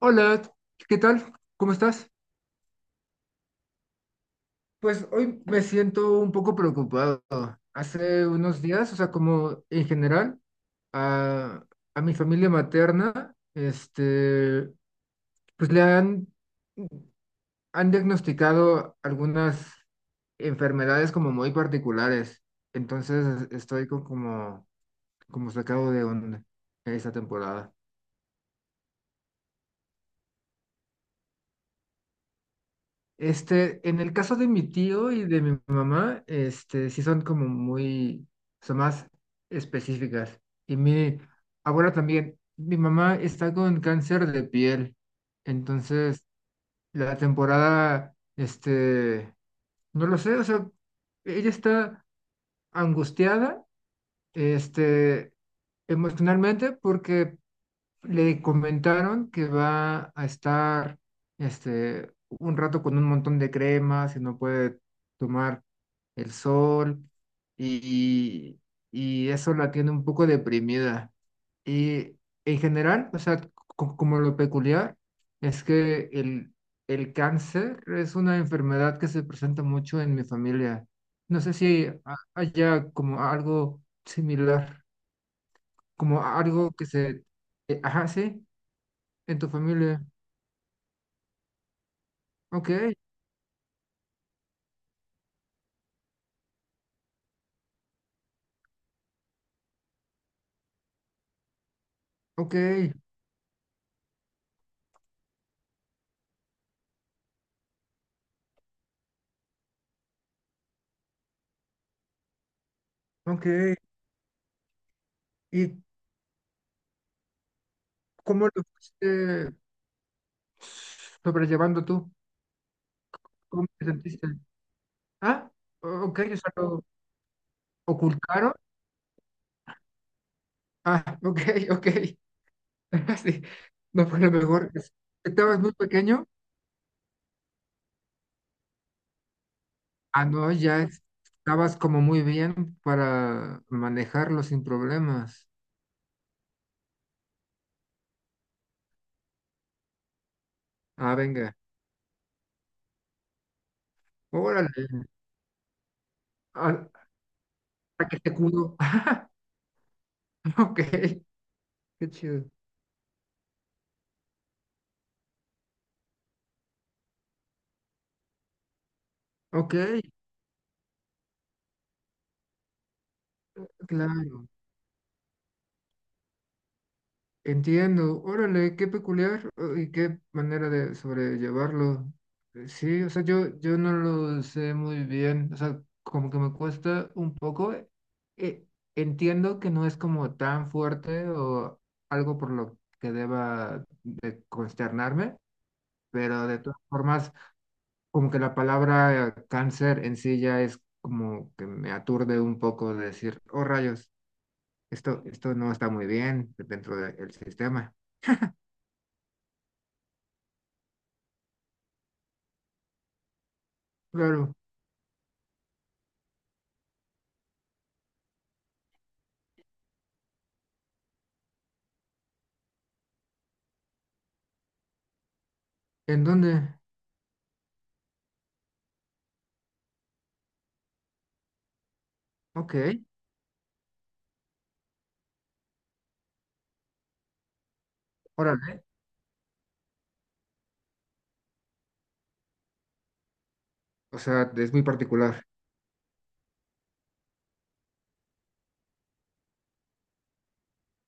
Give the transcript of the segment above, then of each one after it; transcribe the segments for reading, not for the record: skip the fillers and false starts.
Hola, ¿qué tal? ¿Cómo estás? Pues hoy me siento un poco preocupado. Hace unos días, o sea, como en general, a, a mi familia materna, pues han diagnosticado algunas enfermedades como muy particulares. Entonces estoy como sacado de onda esta temporada. Este, en el caso de mi tío y de mi mamá, sí son como muy, son más específicas. Y mi abuela también, mi mamá está con cáncer de piel, entonces la temporada, no lo sé, o sea, ella está angustiada, este, emocionalmente porque le comentaron que va a estar un rato con un montón de cremas y no puede tomar el sol y, y eso la tiene un poco deprimida. Y en general, o sea, como lo peculiar es que el cáncer es una enfermedad que se presenta mucho en mi familia. No sé si haya como algo similar, como algo que se... Ajá, sí. En tu familia. Ok, ok, ok. ¿Y cómo lo fuiste sobrellevando tú? ¿Cómo te sentiste? Ah, ok, o sea, lo ocultaron. Ah, ok, ok. Sí, no fue lo mejor. ¿Estabas muy pequeño? Ah, no, estabas como muy bien para manejarlo sin problemas. Ah, venga. Órale. Ah, para que te cudo. Ok, qué chido. Ok, claro. Entiendo, órale, qué peculiar y qué manera de sobrellevarlo. Sí, o sea, yo no lo sé muy bien, o sea, como que me cuesta un poco. Eh, entiendo que no es como tan fuerte o algo por lo que deba de consternarme, pero de todas formas, como que la palabra cáncer en sí ya es como que me aturde un poco de decir, oh rayos, esto no está muy bien dentro del sistema. Claro. ¿En dónde? Ok, órale. O sea, es muy particular.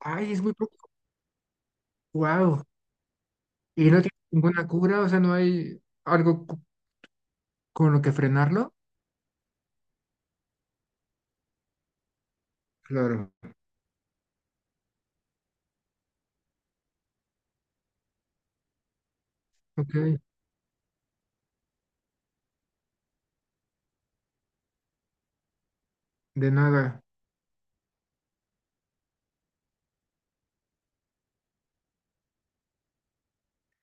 Ay, es muy particular. Wow. ¿Y no tiene ninguna cura? O sea, ¿no hay algo con lo que frenarlo? Claro. Ok, de nada.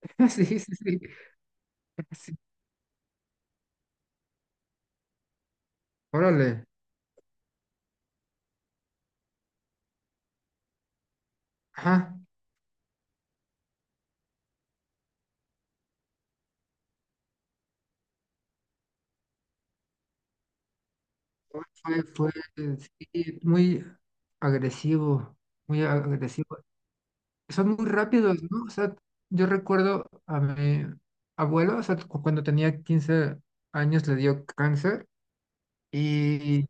Sí, sí, sí. Sí. Órale. Ajá. Fue, fue, eh, sí, muy agresivo, muy agresivo. Son muy rápidos, ¿no? O sea, yo recuerdo a mi abuelo, o sea, cuando tenía 15 años le dio cáncer y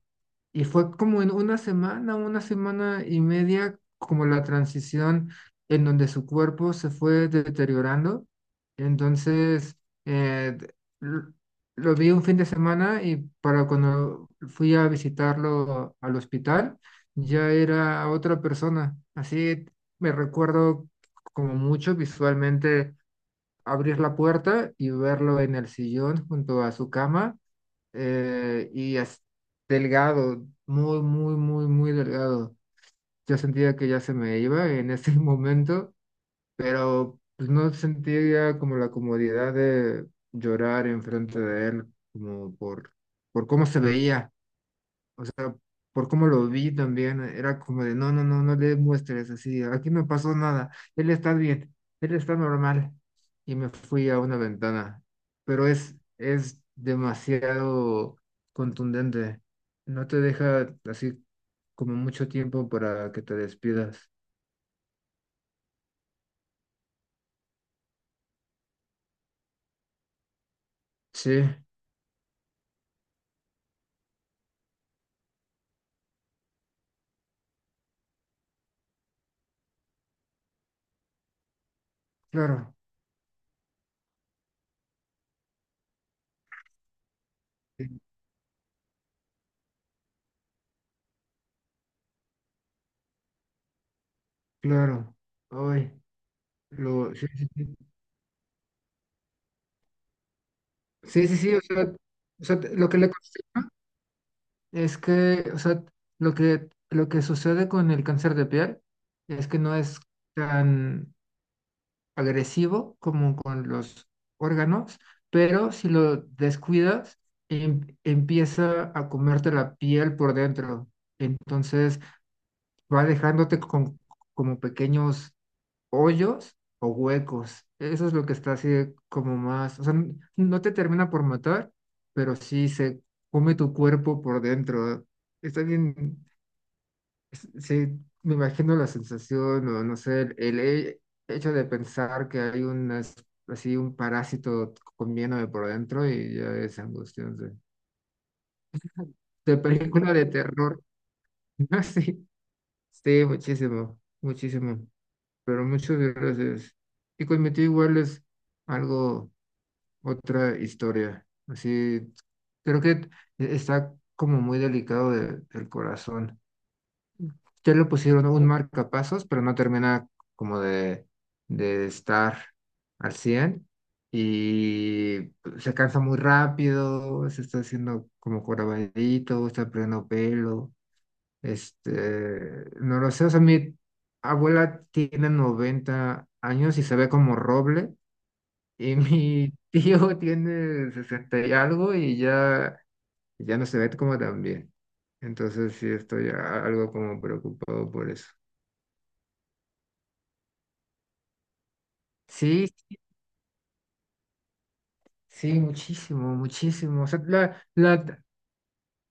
Y fue como en una semana y media, como la transición en donde su cuerpo se fue deteriorando. Entonces, eh, d- l- lo vi un fin de semana y para cuando fui a visitarlo al hospital, ya era otra persona. Así me recuerdo como mucho visualmente abrir la puerta y verlo en el sillón junto a su cama eh, y as- delgado, muy, muy, muy, muy delgado. Yo sentía que ya se me iba en ese momento, pero pues, no sentía como la comodidad de llorar enfrente de él, como por cómo se veía sea, por cómo lo vi también, era como de, no, no, no, no le muestres así, aquí no pasó nada, él está bien, él está normal. Y me fui a una ventana, pero es demasiado contundente, no te deja así como mucho tiempo para que te despidas. Sí, claro, sí, claro, hoy, lo, sí, sí, sí, sí, sí, sí, o sea, lo que le costó. Es que, o sea, lo que sucede con el cáncer de piel es que no es tan agresivo como con los órganos, pero si lo descuidas, empieza a comerte la piel por dentro. Entonces va dejándote como pequeños hoyos o huecos. Eso es lo que está así como más, o sea, no te termina por matar, pero sí se come tu cuerpo por dentro. Está bien. Sí, me imagino la sensación, o no sé, hecho de pensar que hay un, así un parásito comiéndome por dentro y ya es angustiante. De película de terror. Ah, sí, sí, muchísimo, muchísimo. Pero muchas gracias. Y conmigo igual es algo, otra historia. Así, creo que está como muy delicado del corazón. Ya le pusieron un marcapasos, pero no termina como de estar al 100 y pues, se cansa muy rápido, se está haciendo como jorobadito, está perdiendo pelo, este, no lo sé, o sea, mi abuela tiene 90 años y se ve como roble y mi tío tiene 60 y algo y ya, ya no se ve como tan bien. Entonces sí estoy algo como preocupado por eso. Sí, sí, muchísimo, muchísimo. O sea, la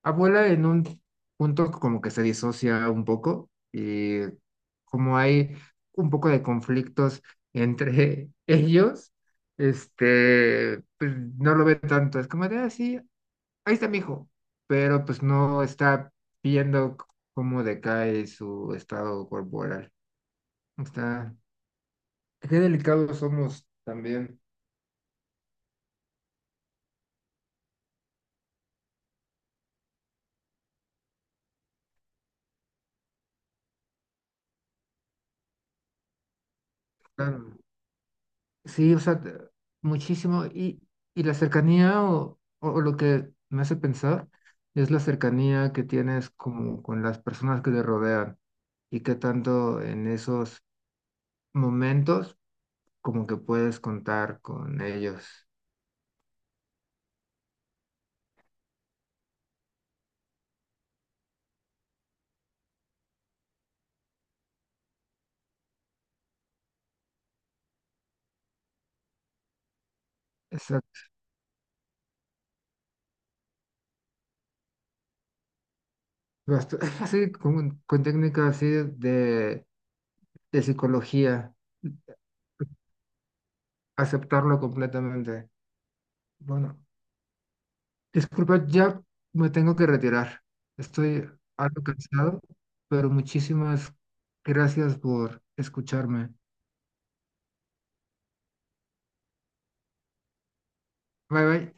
abuela en un punto como que se disocia un poco y como hay un poco de conflictos entre ellos, este, pues no lo ve tanto. Es como de, ah, sí, ahí está mi hijo, pero pues no está viendo cómo decae su estado corporal. Está, qué delicados somos también. Claro. Sí, o sea, muchísimo. Y la cercanía o lo que me hace pensar es la cercanía que tienes como con las personas que te rodean y qué tanto en esos momentos como que puedes contar con ellos. Exacto. Así con técnicas así de psicología, aceptarlo completamente. Bueno, disculpa, ya me tengo que retirar. Estoy algo cansado, pero muchísimas gracias por escucharme. Bye bye.